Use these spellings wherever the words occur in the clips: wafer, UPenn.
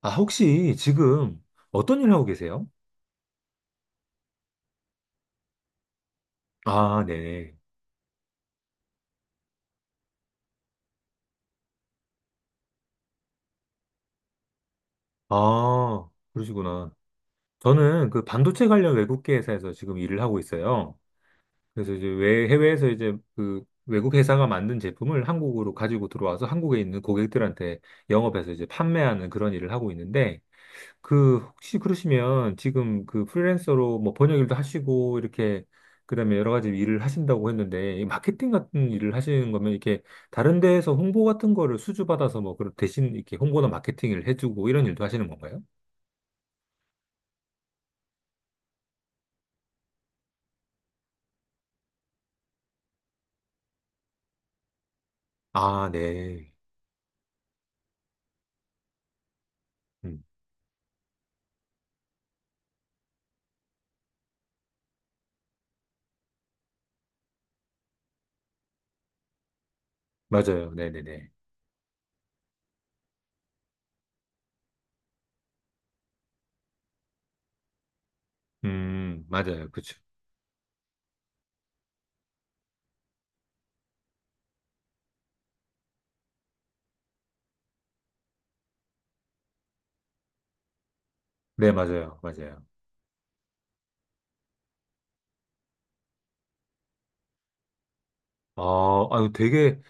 아, 혹시 지금 어떤 일 하고 계세요? 아, 네네. 아, 그러시구나. 저는 그 반도체 관련 외국계 회사에서 지금 일을 하고 있어요. 그래서 이제 해외에서 이제 그 외국 회사가 만든 제품을 한국으로 가지고 들어와서 한국에 있는 고객들한테 영업해서 이제 판매하는 그런 일을 하고 있는데, 그 혹시 그러시면 지금 그 프리랜서로 뭐 번역 일도 하시고 이렇게 그다음에 여러 가지 일을 하신다고 했는데 이 마케팅 같은 일을 하시는 거면 이렇게 다른 데에서 홍보 같은 거를 수주받아서 뭐 그런 대신 이렇게 홍보나 마케팅을 해주고 이런 일도 하시는 건가요? 아, 네. 음, 맞아요. 네네네. 맞아요. 그쵸. 네, 맞아요. 맞아요. 아, 아유, 되게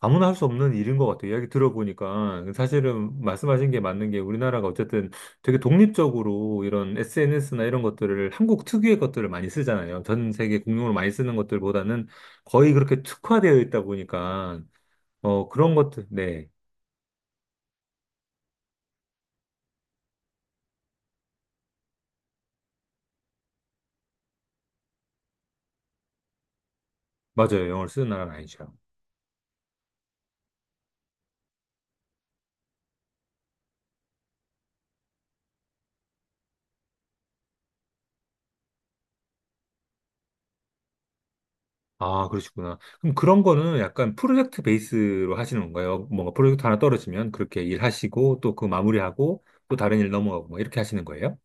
아무나 할 수 없는 일인 것 같아요. 이야기 들어보니까 사실은 말씀하신 게 맞는 게 우리나라가 어쨌든 되게 독립적으로 이런 SNS나 이런 것들을 한국 특유의 것들을 많이 쓰잖아요. 전 세계 공용으로 많이 쓰는 것들보다는 거의 그렇게 특화되어 있다 보니까 어 그런 것들 네 맞아요. 영어를 쓰는 나라는 아니죠. 아 그러시구나. 그럼 그런 거는 약간 프로젝트 베이스로 하시는 건가요? 뭔가 프로젝트 하나 떨어지면 그렇게 일하시고 또 그 마무리하고 또 다른 일 넘어가고 뭐 이렇게 하시는 거예요?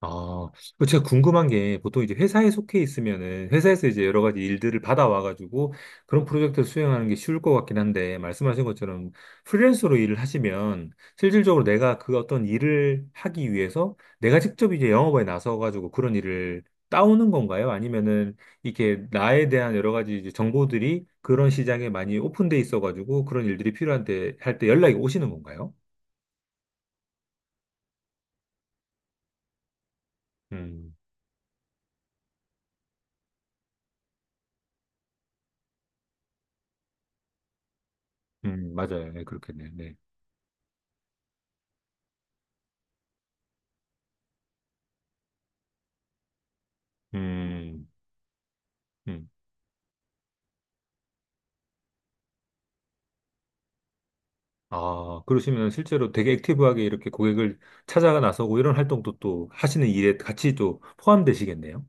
아, 그 제가 궁금한 게 보통 이제 회사에 속해 있으면은 회사에서 이제 여러 가지 일들을 받아와가지고 그런 프로젝트를 수행하는 게 쉬울 것 같긴 한데 말씀하신 것처럼 프리랜서로 일을 하시면 실질적으로 내가 그 어떤 일을 하기 위해서 내가 직접 이제 영업에 나서가지고 그런 일을 따오는 건가요? 아니면은 이렇게 나에 대한 여러 가지 이제 정보들이 그런 시장에 많이 오픈돼 있어가지고 그런 일들이 필요한데 할 때 연락이 오시는 건가요? 음, 맞아요. 네, 그렇겠네요. 네. 음. 음. 아, 그러시면 실제로 되게 액티브하게 이렇게 고객을 찾아가 나서고 이런 활동도 또 하시는 일에 같이 또 포함되시겠네요.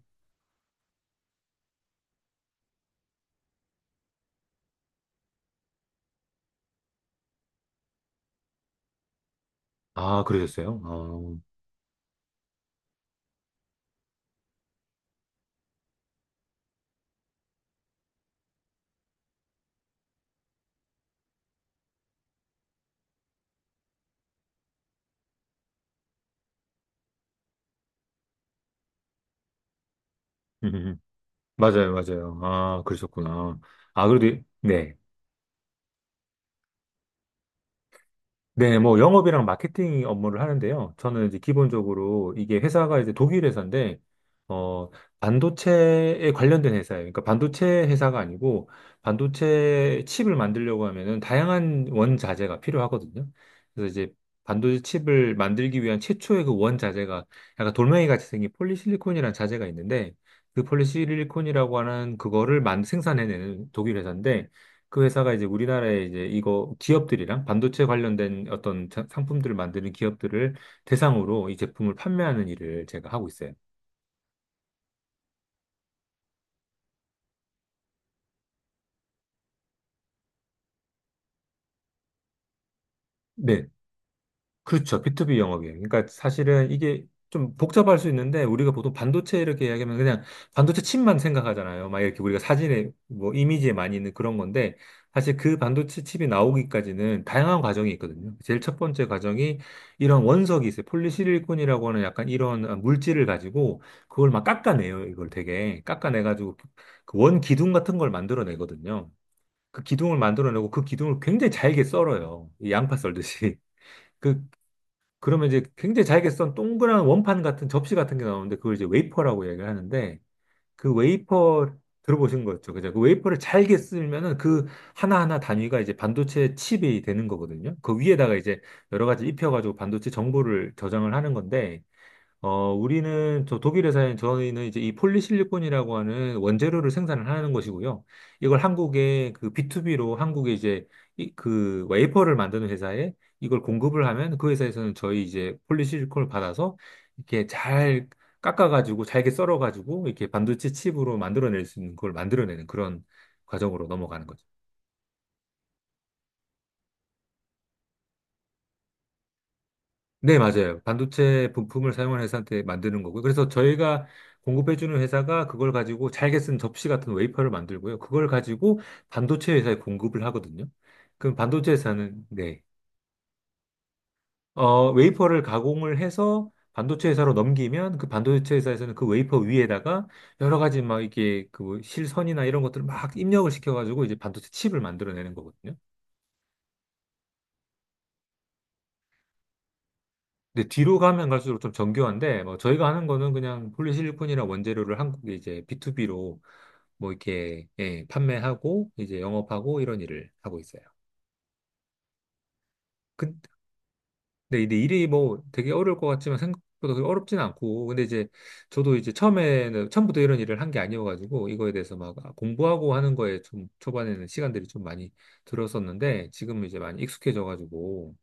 아, 그러셨어요? 아, 맞아요, 맞아요. 아, 그러셨구나. 아, 그래도, 네. 네, 뭐 영업이랑 마케팅 업무를 하는데요. 저는 이제 기본적으로 이게 회사가 이제 독일 회사인데 어 반도체에 관련된 회사예요. 그러니까 반도체 회사가 아니고 반도체 칩을 만들려고 하면은 다양한 원자재가 필요하거든요. 그래서 이제 반도체 칩을 만들기 위한 최초의 그 원자재가 약간 돌멩이 같이 생긴 폴리실리콘이라는 자재가 있는데 그 폴리실리콘이라고 하는 그거를 만 생산해내는 독일 회사인데 그 회사가 이제 우리나라에 이제 이거 기업들이랑 반도체 관련된 어떤 상품들을 만드는 기업들을 대상으로 이 제품을 판매하는 일을 제가 하고 있어요. 네. 그렇죠. B2B 영업이에요. 그러니까 사실은 이게 좀 복잡할 수 있는데 우리가 보통 반도체 이렇게 이야기하면 그냥 반도체 칩만 생각하잖아요. 막 이렇게 우리가 사진에 뭐 이미지에 많이 있는 그런 건데 사실 그 반도체 칩이 나오기까지는 다양한 과정이 있거든요. 제일 첫 번째 과정이 이런 원석이 있어요. 폴리시리콘이라고 하는 약간 이런 물질을 가지고 그걸 막 깎아내요. 이걸 되게 깎아내가지고 그 원 기둥 같은 걸 만들어내거든요. 그 기둥을 만들어내고 그 기둥을 굉장히 잘게 썰어요. 이 양파 썰듯이. 그러면 이제 굉장히 잘게 썬 동그란 원판 같은 접시 같은 게 나오는데 그걸 이제 웨이퍼라고 얘기를 하는데 그 웨이퍼 들어보신 거죠. 그죠? 그 웨이퍼를 잘게 쓰면은 그 하나하나 단위가 이제 반도체 칩이 되는 거거든요. 그 위에다가 이제 여러 가지 입혀가지고 반도체 정보를 저장을 하는 건데 어, 우리는 저 독일 회사인 저희는 이제 이 폴리실리콘이라고 하는 원재료를 생산을 하는 것이고요. 이걸 한국에 그 B2B로 한국에 이제 이, 그 웨이퍼를 만드는 회사에 이걸 공급을 하면 그 회사에서는 저희 이제 폴리실리콘을 받아서 이렇게 잘 깎아가지고 잘게 썰어가지고 이렇게 반도체 칩으로 만들어낼 수 있는 걸 만들어내는 그런 과정으로 넘어가는 거죠. 네, 맞아요. 반도체 부품을 사용한 회사한테 만드는 거고요. 그래서 저희가 공급해주는 회사가 그걸 가지고 잘게 쓴 접시 같은 웨이퍼를 만들고요. 그걸 가지고 반도체 회사에 공급을 하거든요. 그럼 반도체 회사는, 네. 어, 웨이퍼를 가공을 해서 반도체 회사로 넘기면 그 반도체 회사에서는 그 웨이퍼 위에다가 여러 가지 막 이게 그 실선이나 이런 것들을 막 입력을 시켜가지고 이제 반도체 칩을 만들어내는 거거든요. 근데 뒤로 가면 갈수록 좀 정교한데, 뭐 저희가 하는 거는 그냥 폴리실리콘이나 원재료를 한국에 이제 B2B로 뭐 이렇게, 예, 판매하고, 이제 영업하고 이런 일을 하고 있어요. 근데 이제 일이 뭐 되게 어려울 것 같지만 생각보다 그렇게 어렵진 않고 근데 이제 저도 이제 처음에는 처음부터 이런 일을 한 게 아니어가지고 이거에 대해서 막 공부하고 하는 거에 좀 초반에는 시간들이 좀 많이 들었었는데 지금은 이제 많이 익숙해져가지고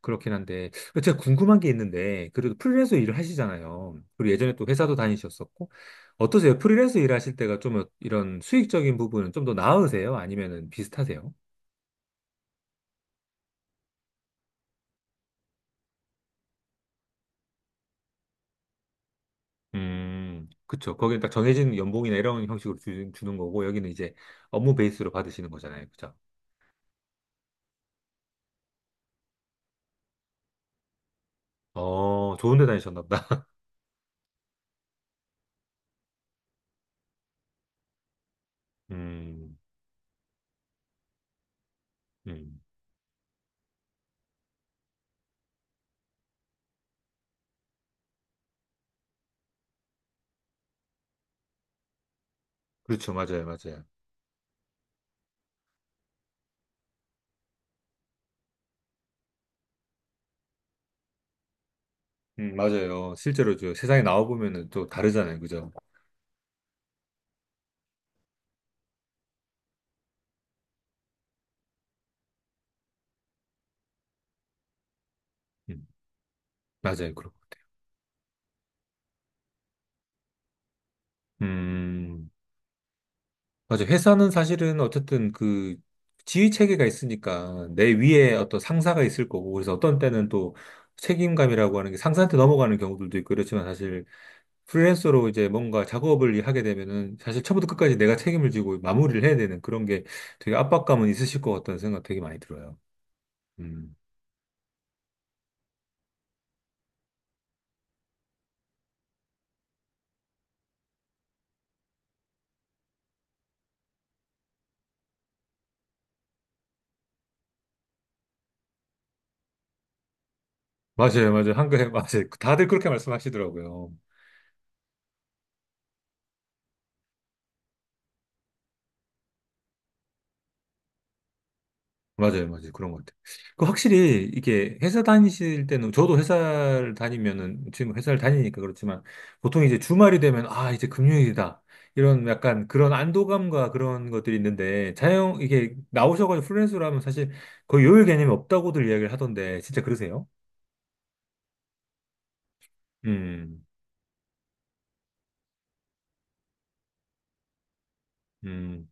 그렇긴 한데 제가 궁금한 게 있는데 그래도 프리랜서 일을 하시잖아요. 그리고 예전에 또 회사도 다니셨었고 어떠세요? 프리랜서 일하실 때가 좀 이런 수익적인 부분은 좀 더 나으세요? 아니면은 비슷하세요? 그쵸. 거기는 딱 정해진 연봉이나 이런 형식으로 주는 거고, 여기는 이제 업무 베이스로 받으시는 거잖아요. 그죠? 어, 좋은 데 다니셨나 보다. 음, 음. 그렇죠. 맞아요. 맞아요. 맞아요. 실제로 저 세상에 나와보면은 또 다르잖아요. 그죠? 음, 맞아요. 그렇고. 음. 맞아. 회사는 사실은 어쨌든 그 지휘 체계가 있으니까 내 위에 어떤 상사가 있을 거고, 그래서 어떤 때는 또 책임감이라고 하는 게 상사한테 넘어가는 경우들도 있고, 그렇지만 사실 프리랜서로 이제 뭔가 작업을 하게 되면은 사실 처음부터 끝까지 내가 책임을 지고 마무리를 해야 되는 그런 게 되게 압박감은 있으실 것 같다는 생각 되게 많이 들어요. 음. 맞아요, 맞아요. 한글, 맞아요. 다들 그렇게 말씀하시더라고요. 맞아요, 맞아요. 그런 것 같아요. 그 확실히 이게 회사 다니실 때는 저도 회사를 다니면은 지금 회사를 다니니까 그렇지만 보통 이제 주말이 되면 아, 이제 금요일이다. 이런 약간 그런 안도감과 그런 것들이 있는데 자영 이게 나오셔가지고 프리랜서로 하면 사실 거의 요일 개념이 없다고들 이야기를 하던데 진짜 그러세요? 음, 음,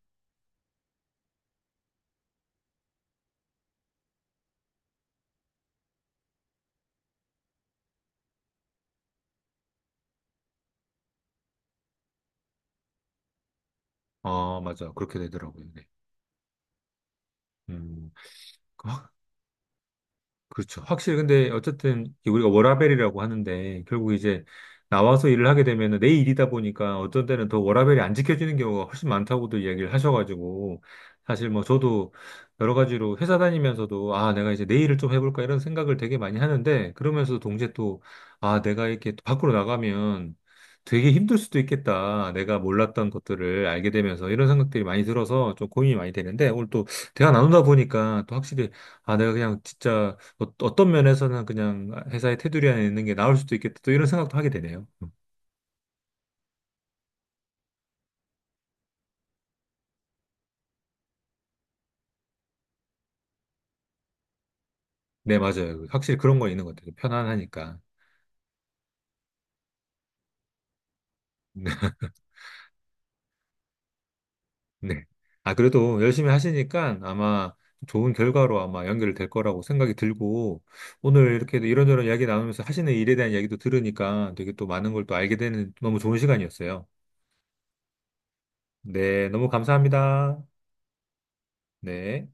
아, 맞아. 그렇게 되더라고요. 네. 음. 그렇죠. 확실히 근데 어쨌든 우리가 워라밸이라고 하는데 결국 이제 나와서 일을 하게 되면은 내 일이다 보니까 어떤 때는 더 워라밸이 안 지켜지는 경우가 훨씬 많다고도 이야기를 하셔가지고 사실 뭐 저도 여러 가지로 회사 다니면서도 아 내가 이제 내 일을 좀 해볼까 이런 생각을 되게 많이 하는데 그러면서 동시에 또 아 내가 이렇게 또 밖으로 나가면 되게 힘들 수도 있겠다. 내가 몰랐던 것들을 알게 되면서 이런 생각들이 많이 들어서 좀 고민이 많이 되는데 오늘 또 대화 나누다 보니까 또 확실히 아 내가 그냥 진짜 어떤 면에서는 그냥 회사의 테두리 안에 있는 게 나을 수도 있겠다. 또 이런 생각도 하게 되네요. 음. 네, 맞아요. 그 확실히 그런 건 있는 것 같아요. 편안하니까. 네. 아, 그래도 열심히 하시니까 아마 좋은 결과로 아마 연결될 거라고 생각이 들고, 오늘 이렇게 이런저런 이야기 나누면서 하시는 일에 대한 이야기도 들으니까 되게 또 많은 걸 또 알게 되는 너무 좋은 시간이었어요. 네, 너무 감사합니다. 네.